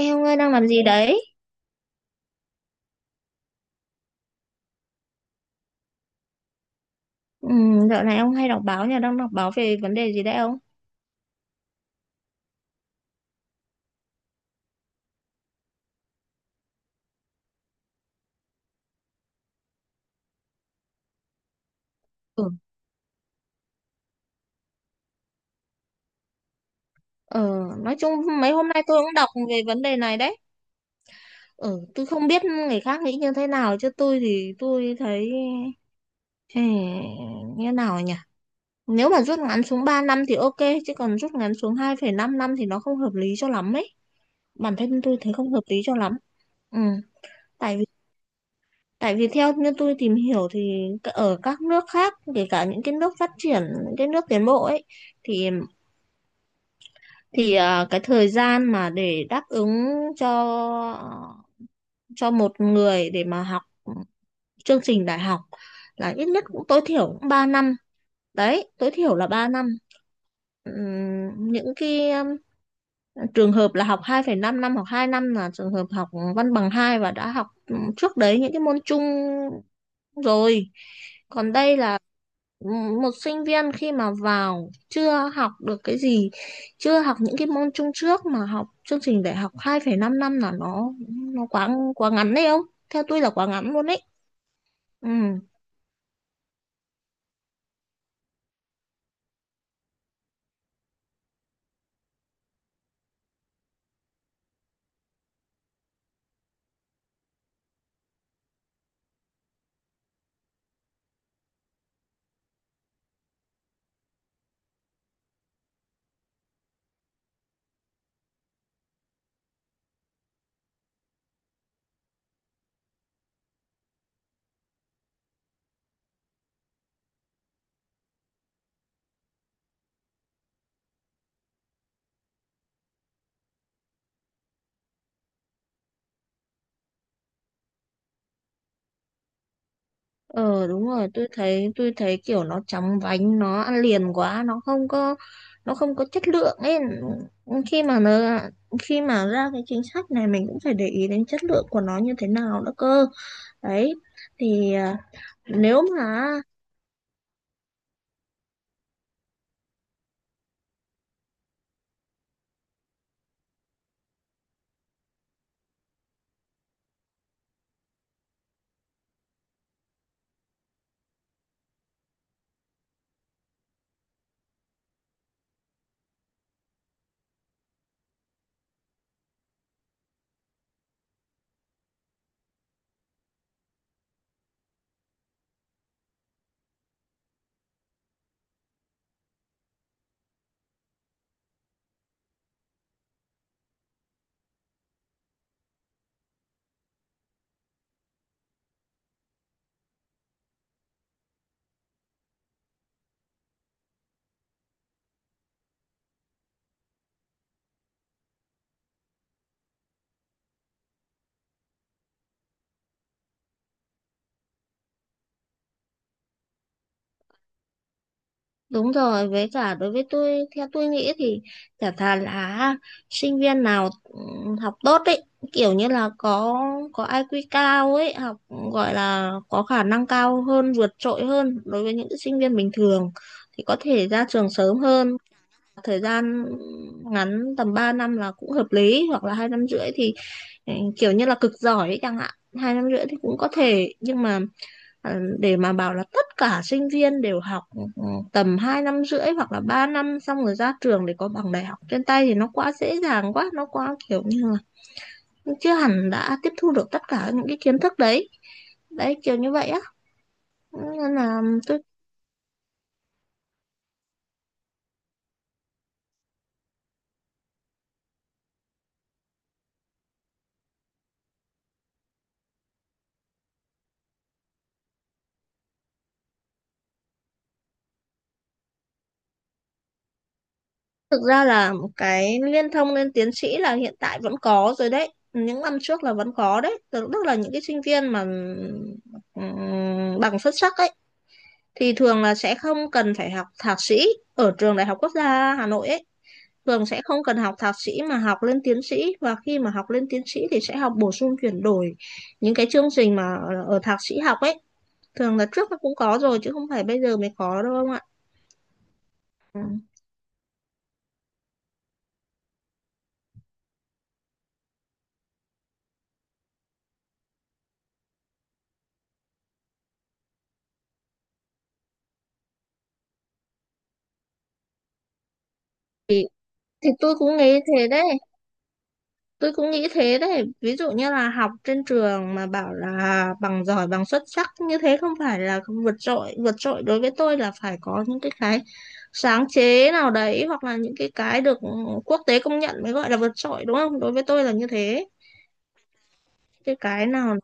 Ê ông ơi đang làm gì đấy? Ừ, dạo này ông hay đọc báo nhỉ? Đang đọc báo về vấn đề gì đấy ông? Ừ, ờ, nói chung mấy hôm nay tôi cũng đọc về vấn đề này đấy. Ừ, tôi không biết người khác nghĩ như thế nào chứ tôi thì tôi thấy ừ, như nào nhỉ? Nếu mà rút ngắn xuống 3 năm thì ok, chứ còn rút ngắn xuống 2,5 năm thì nó không hợp lý cho lắm ấy. Bản thân tôi thấy không hợp lý cho lắm. Ừ, tại vì Tại vì theo như tôi tìm hiểu thì, ở các nước khác, kể cả những cái nước phát triển, những cái nước tiến bộ ấy, thì cái thời gian mà để đáp ứng cho một người để mà học chương trình đại học là ít nhất, cũng tối thiểu cũng 3 năm, đấy tối thiểu là 3 năm. Những cái trường hợp là học 2,5 năm hoặc 2 năm là trường hợp học văn bằng hai, và đã học trước đấy những cái môn chung rồi. Còn đây là một sinh viên khi mà vào chưa học được cái gì, chưa học những cái môn chung trước mà học chương trình đại học 2,5 năm năm là nó quá quá ngắn đấy, không, theo tôi là quá ngắn luôn đấy, ừ. Ờ đúng rồi, tôi thấy kiểu nó chóng vánh, nó ăn liền quá, nó không có chất lượng ấy. Khi mà nó khi mà ra cái chính sách này mình cũng phải để ý đến chất lượng của nó như thế nào nữa cơ. Đấy. Thì à, nếu mà Đúng rồi, với cả đối với tôi, theo tôi nghĩ thì chả thà là sinh viên nào học tốt ấy, kiểu như là có IQ cao ấy, học, gọi là có khả năng cao hơn, vượt trội hơn đối với những sinh viên bình thường thì có thể ra trường sớm hơn, thời gian ngắn tầm 3 năm là cũng hợp lý, hoặc là 2,5 năm thì kiểu như là cực giỏi ấy chẳng hạn, 2,5 năm thì cũng có thể, nhưng mà để mà bảo là tất cả sinh viên đều học ừ, tầm 2,5 năm hoặc là 3 năm xong rồi ra trường để có bằng đại học trên tay thì nó quá dễ dàng, quá nó quá kiểu như là chưa hẳn đã tiếp thu được tất cả những cái kiến thức đấy, đấy kiểu như vậy á, nên là tôi thực ra là, một cái liên thông lên tiến sĩ là hiện tại vẫn có rồi đấy, những năm trước là vẫn có đấy, tức tức là những cái sinh viên mà bằng xuất sắc ấy thì thường là sẽ không cần phải học thạc sĩ ở trường Đại học Quốc gia Hà Nội ấy. Thường sẽ không cần học thạc sĩ mà học lên tiến sĩ, và khi mà học lên tiến sĩ thì sẽ học bổ sung chuyển đổi những cái chương trình mà ở thạc sĩ học ấy. Thường là trước nó cũng có rồi chứ không phải bây giờ mới có đâu ông ạ. Ừ. Thì tôi cũng nghĩ thế đấy. Tôi cũng nghĩ thế đấy. Ví dụ như là học trên trường mà bảo là bằng giỏi, bằng xuất sắc như thế không phải là không vượt trội. Vượt trội đối với tôi là phải có những cái sáng chế nào đấy, hoặc là những cái được quốc tế công nhận mới gọi là vượt trội, đúng không? Đối với tôi là như thế. Cái nào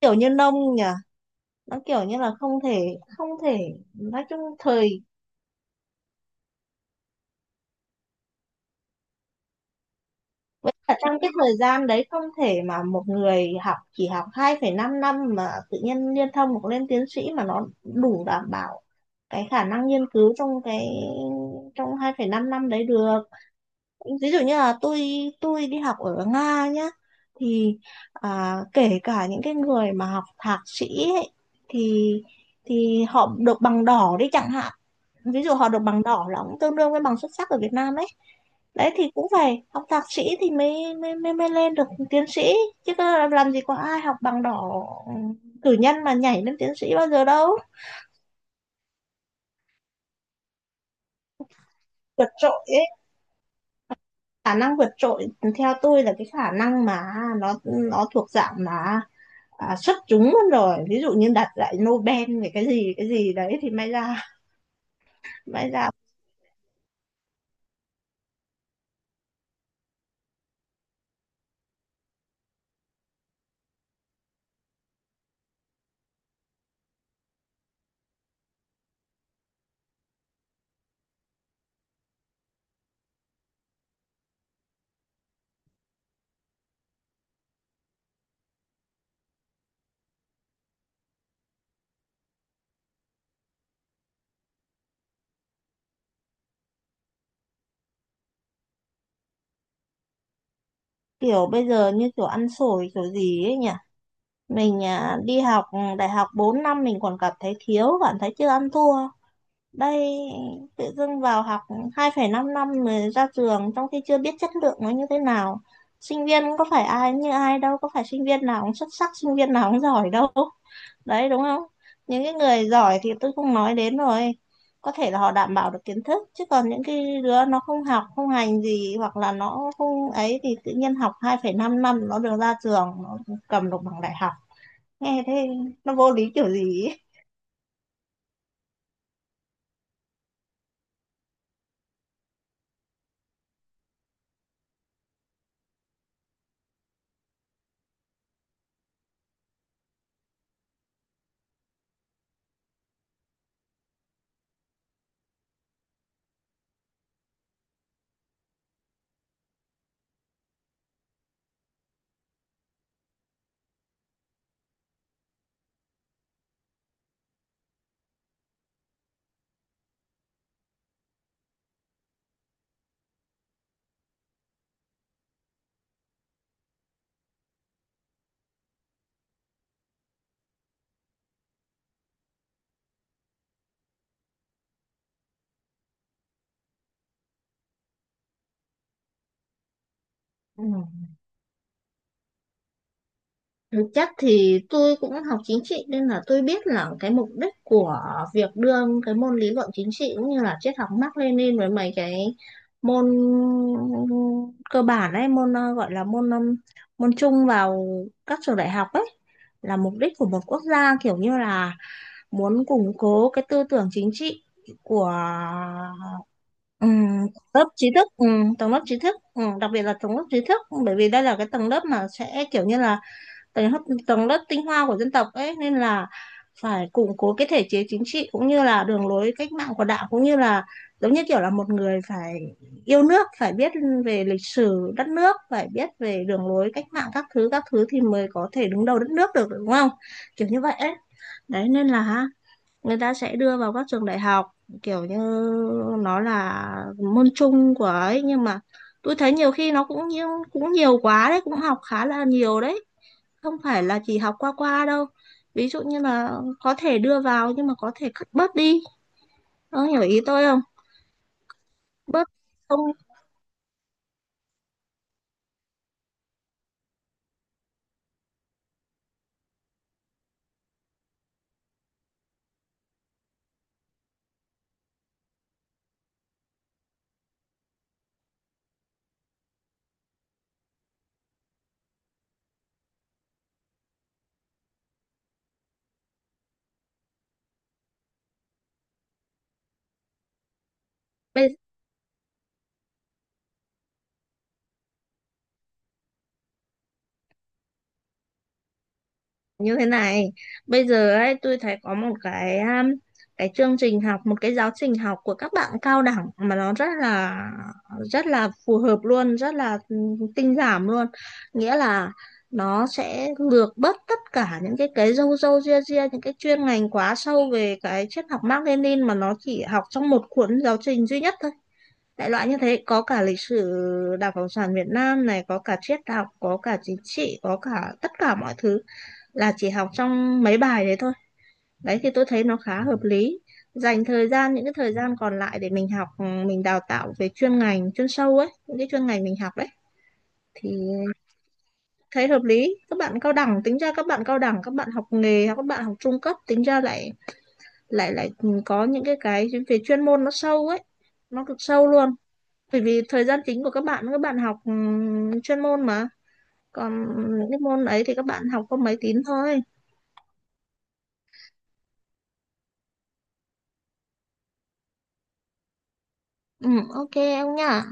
Kiểu như nông nhỉ, nó kiểu như là không thể, không thể nói chung, thời với cả trong cái thời gian đấy không thể mà một người học chỉ học 2,5 năm mà tự nhiên liên thông hoặc lên tiến sĩ mà nó đủ đảm bảo cái khả năng nghiên cứu, trong cái, trong 2,5 năm năm đấy được. Ví dụ như là tôi đi học ở Nga nhá, thì kể cả những cái người mà học thạc sĩ ấy, thì họ được bằng đỏ đi chẳng hạn, ví dụ họ được bằng đỏ là cũng tương đương với bằng xuất sắc ở Việt Nam đấy. Đấy thì cũng phải học thạc sĩ thì mới lên được tiến sĩ, chứ có làm gì có ai học bằng đỏ, cử nhân mà nhảy lên tiến sĩ bao giờ đâu. Vượt trội ấy, khả năng vượt trội, theo tôi là cái khả năng mà nó thuộc dạng mà xuất chúng luôn rồi, ví dụ như đạt giải Nobel về cái gì đấy thì may ra, may ra. Kiểu bây giờ như kiểu ăn xổi kiểu gì ấy nhỉ. Mình đi học, đại học 4 năm mình còn cảm thấy thiếu, cảm thấy chưa ăn thua. Đây tự dưng vào học 2,5 năm năm mới ra trường trong khi chưa biết chất lượng nó như thế nào. Sinh viên cũng có phải ai như ai đâu, có phải sinh viên nào cũng xuất sắc, sinh viên nào cũng giỏi đâu. Đấy, đúng không? Những cái người giỏi thì tôi không nói đến rồi. Có thể là họ đảm bảo được kiến thức, chứ còn những cái đứa nó không học, không hành gì hoặc là nó không ấy, thì tự nhiên học 2,5 năm nó được ra trường, nó cầm được bằng đại học, nghe thế nó vô lý kiểu gì ấy. Ừ. Thực chất thì tôi cũng học chính trị nên là tôi biết là cái mục đích của việc đưa cái môn lý luận chính trị, cũng như là triết học Mác Lênin với mấy cái môn cơ bản ấy, môn gọi là môn, môn chung vào các trường đại học ấy, là mục đích của một quốc gia, kiểu như là muốn củng cố cái tư tưởng chính trị của, Ừ, lớp trí thức, tầng lớp trí thức, đặc biệt là tầng lớp trí thức, bởi vì đây là cái tầng lớp mà sẽ kiểu như là tầng lớp tầng lớp tinh hoa của dân tộc ấy, nên là phải củng cố cái thể chế chính trị, cũng như là đường lối cách mạng của Đảng, cũng như là giống như kiểu là một người phải yêu nước, phải biết về lịch sử đất nước, phải biết về đường lối cách mạng các thứ thì mới có thể đứng đầu đất nước được, đúng không, kiểu như vậy ấy. Đấy nên là người ta sẽ đưa vào các trường đại học, kiểu như nó là môn chung của ấy, nhưng mà tôi thấy nhiều khi nó cũng nhiều quá đấy, cũng học khá là nhiều đấy, không phải là chỉ học qua qua đâu. Ví dụ như là có thể đưa vào, nhưng mà có thể cắt bớt đi, ông hiểu ý tôi không, bớt, không, bây như thế này, bây giờ ấy tôi thấy có một cái, cái chương trình học, một cái giáo trình học của các bạn cao đẳng mà nó rất là phù hợp luôn, rất là tinh giảm luôn, nghĩa là nó sẽ lược bớt tất cả những cái râu râu ria ria, những cái chuyên ngành quá sâu về cái triết học Mác Lênin, mà nó chỉ học trong một cuốn giáo trình duy nhất thôi, đại loại như thế, có cả lịch sử Đảng Cộng sản Việt Nam này, có cả triết học, có cả chính trị, có cả tất cả mọi thứ, là chỉ học trong mấy bài đấy thôi. Đấy thì tôi thấy nó khá hợp lý, dành thời gian, những cái thời gian còn lại để mình học, mình đào tạo về chuyên ngành chuyên sâu ấy, những cái chuyên ngành mình học đấy, thì thấy hợp lý. Các bạn cao đẳng, tính ra các bạn cao đẳng, các bạn học nghề hoặc các bạn học trung cấp tính ra lại lại lại có những cái về chuyên môn nó sâu ấy, nó cực sâu luôn, bởi vì thời gian chính của các bạn học, chuyên môn mà, còn những cái môn ấy thì các bạn học có mấy tín thôi. Ừ, ok em nhá.